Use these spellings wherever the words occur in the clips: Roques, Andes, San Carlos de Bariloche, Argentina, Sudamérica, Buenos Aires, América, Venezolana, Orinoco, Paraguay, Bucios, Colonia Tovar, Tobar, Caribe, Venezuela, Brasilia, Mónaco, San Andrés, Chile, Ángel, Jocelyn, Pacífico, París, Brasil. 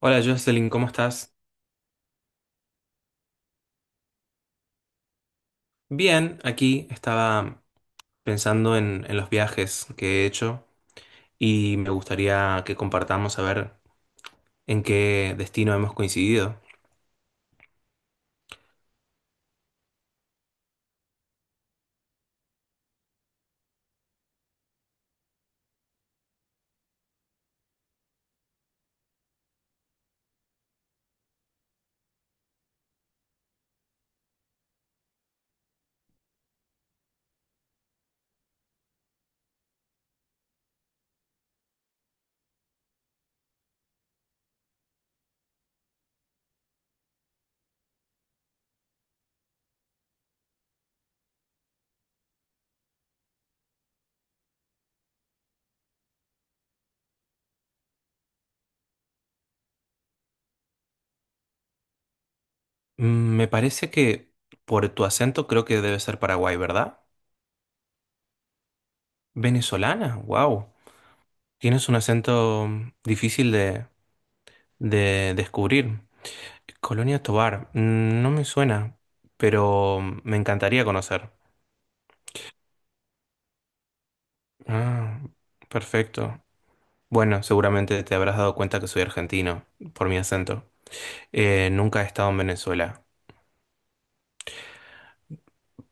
Hola, Jocelyn, ¿cómo estás? Bien, aquí estaba pensando en los viajes que he hecho y me gustaría que compartamos, a ver, en qué destino hemos coincidido. Me parece que por tu acento creo que debe ser Paraguay, ¿verdad? Venezolana, wow. Tienes un acento difícil de descubrir. Colonia Tovar, no me suena, pero me encantaría conocer. Ah, perfecto. Bueno, seguramente te habrás dado cuenta que soy argentino por mi acento. Nunca he estado en Venezuela,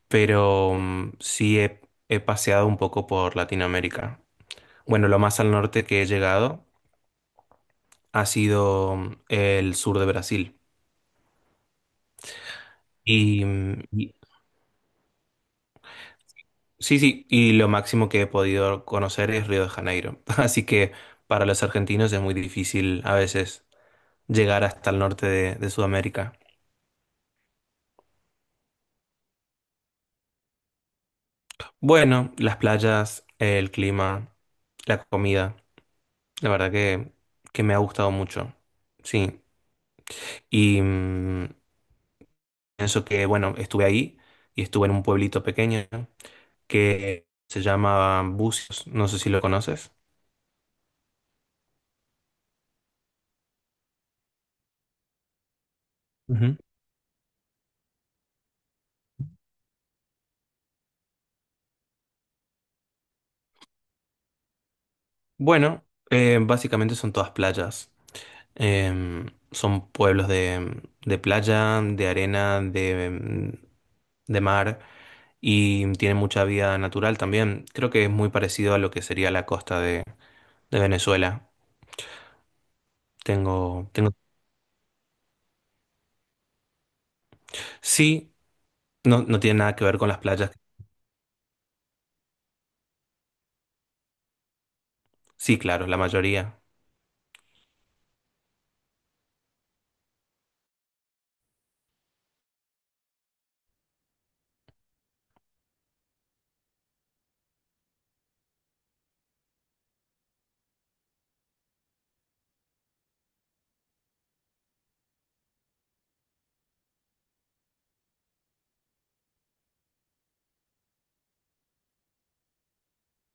pero he paseado un poco por Latinoamérica. Bueno, lo más al norte que he llegado ha sido, el sur de Brasil. Y, mm, y- sí, sí, y lo máximo que he podido conocer es Río de Janeiro. Así que para los argentinos es muy difícil a veces llegar hasta el norte de Sudamérica. Bueno, las playas, el clima, la comida. La verdad que me ha gustado mucho. Sí. Y pienso que, bueno, estuve ahí y estuve en un pueblito pequeño que se llama Bucios. No sé si lo conoces. Ujú. Bueno, básicamente son todas playas. Em, Son pueblos de playa, de arena, de mar, y tienen mucha vida natural también. Creo que es muy parecido a lo que sería la costa de Venezuela. Tengo, tengo. Sí, no, no tiene nada que ver con las playas. Sí, claro, la mayoría.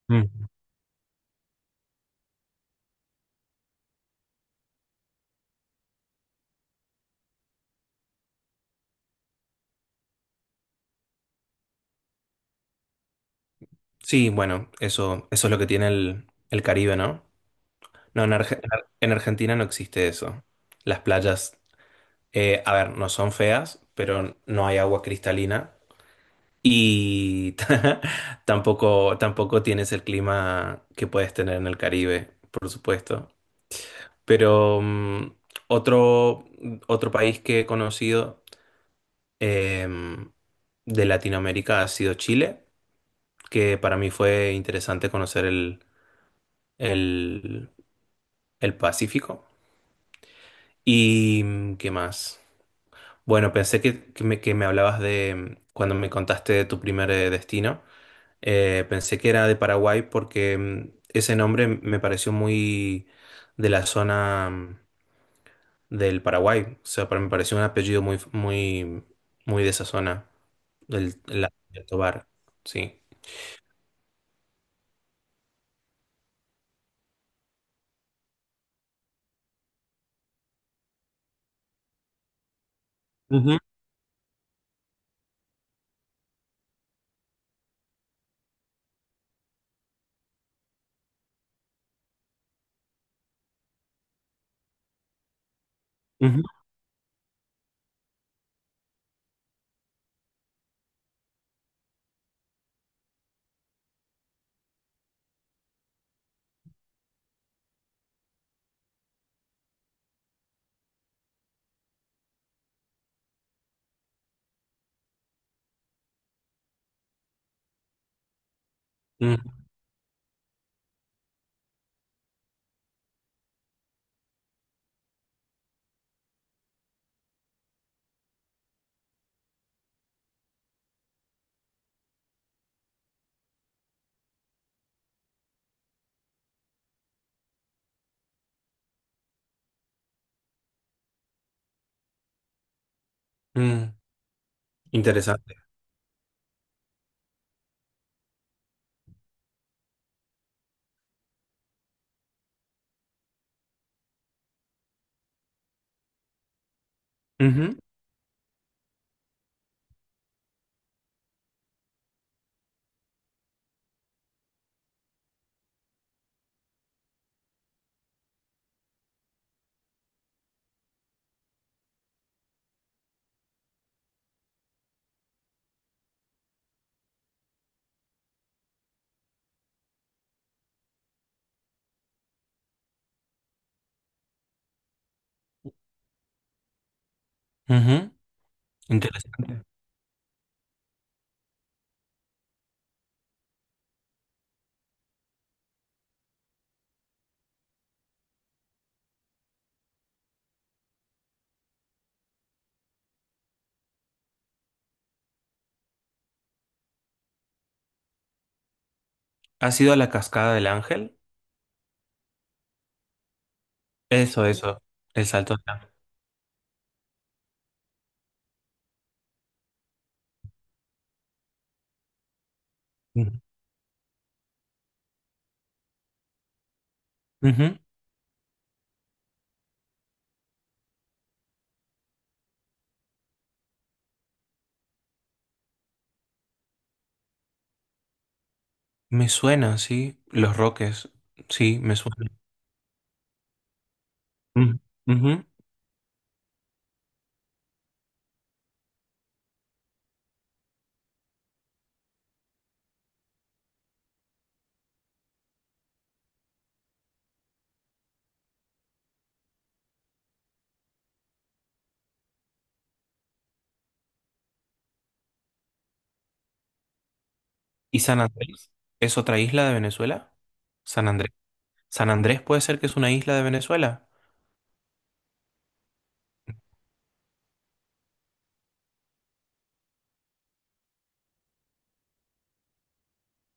Mm. Sí, bueno, eso es lo que tiene el Caribe, ¿no? No, en Argentina no existe eso. Las playas, a ver, no son feas, pero no hay agua cristalina y, tampoco tienes el clima que puedes tener en el Caribe, por supuesto. Pero otro, otro país que he conocido, em, de Latinoamérica, ha sido Chile, que para mí fue interesante conocer el, el Pacífico. ¿Y qué más? Bueno, pensé que, que me hablabas de, cuando me contaste de tu primer, destino, pensé que era de Paraguay porque, ese nombre me pareció muy de la zona, del Paraguay. O sea, para me pareció un apellido muy de esa zona, del Tobar. Sí. Ujú, ujú, ujú, ujú. Interesante. Ujú, ujú. Interesante. ¿Has ido a la cascada del Ángel? Eso, el salto del Ángel. Ujú. Ujú. Me suena, sí. Los Roques, sí, me suena. Ujú. Ujú. ¿Y San Andrés? ¿Es otra isla de Venezuela? San Andrés. ¿San Andrés puede ser que es una isla de Venezuela?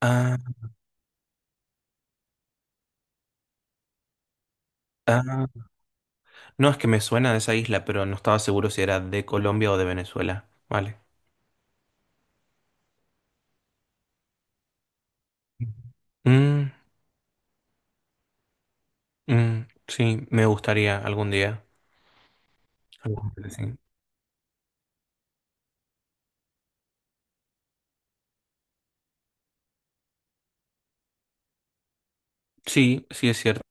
Ah, ah. No, es que me suena de esa isla, pero no estaba seguro si era de Colombia o de Venezuela. Vale. Mm, sí, me gustaría algún día. Algún día. Sí, sí, sí es cierto.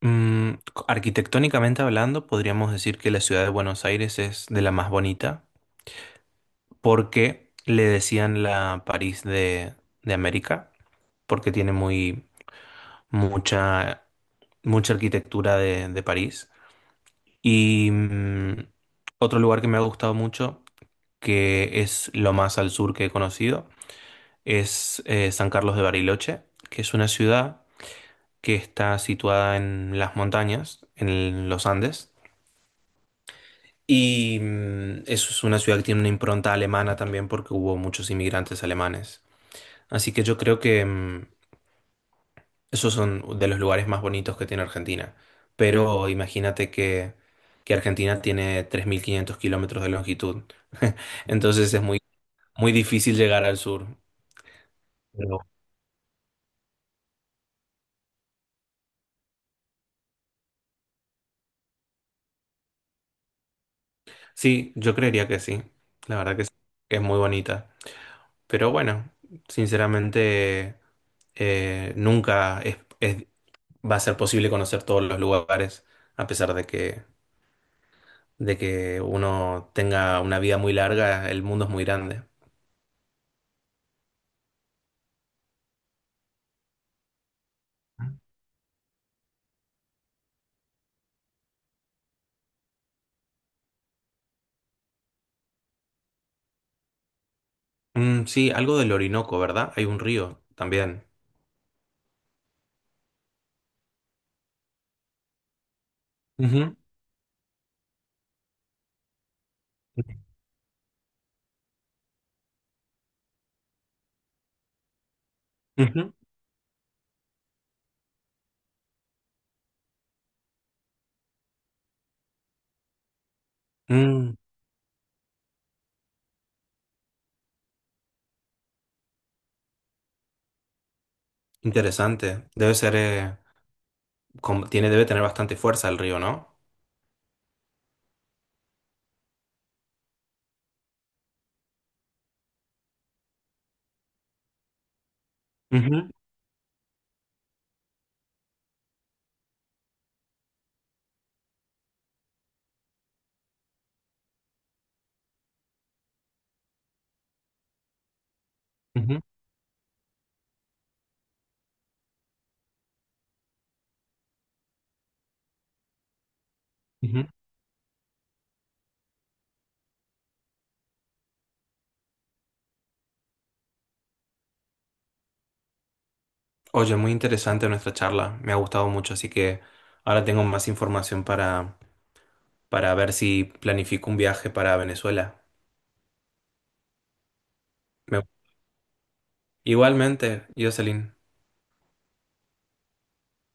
Mm, Arquitectónicamente hablando, podríamos decir que la ciudad de Buenos Aires es de la más bonita, porque le decían la París de América, porque tiene mucha, mucha arquitectura de París. Y otro lugar que me ha gustado mucho, que es lo más al sur que he conocido, es San Carlos de Bariloche, que es una ciudad que está situada en las montañas, en los Andes. Y eso es una ciudad que tiene una impronta alemana también, porque hubo muchos inmigrantes alemanes. Así que yo creo que, esos son de los lugares más bonitos que tiene Argentina. Pero imagínate que Argentina tiene 3500 km de longitud. Entonces es muy difícil llegar al sur. Pero sí, yo creería que sí. La verdad que sí, que es muy bonita. Pero bueno, sinceramente, nunca va a ser posible conocer todos los lugares, a pesar de que uno tenga una vida muy larga. El mundo es muy grande. Mm, sí, algo del Orinoco, ¿verdad? Hay un río también. Ujú, ujú. Mm, interesante. Debe ser, tiene, debe tener bastante fuerza el río, ¿no? Ujú, ujú, ujú. Oye, muy interesante nuestra charla. Me ha gustado mucho, así que ahora tengo más información para ver si planifico un viaje para Venezuela. Me-, igualmente, Jocelyn.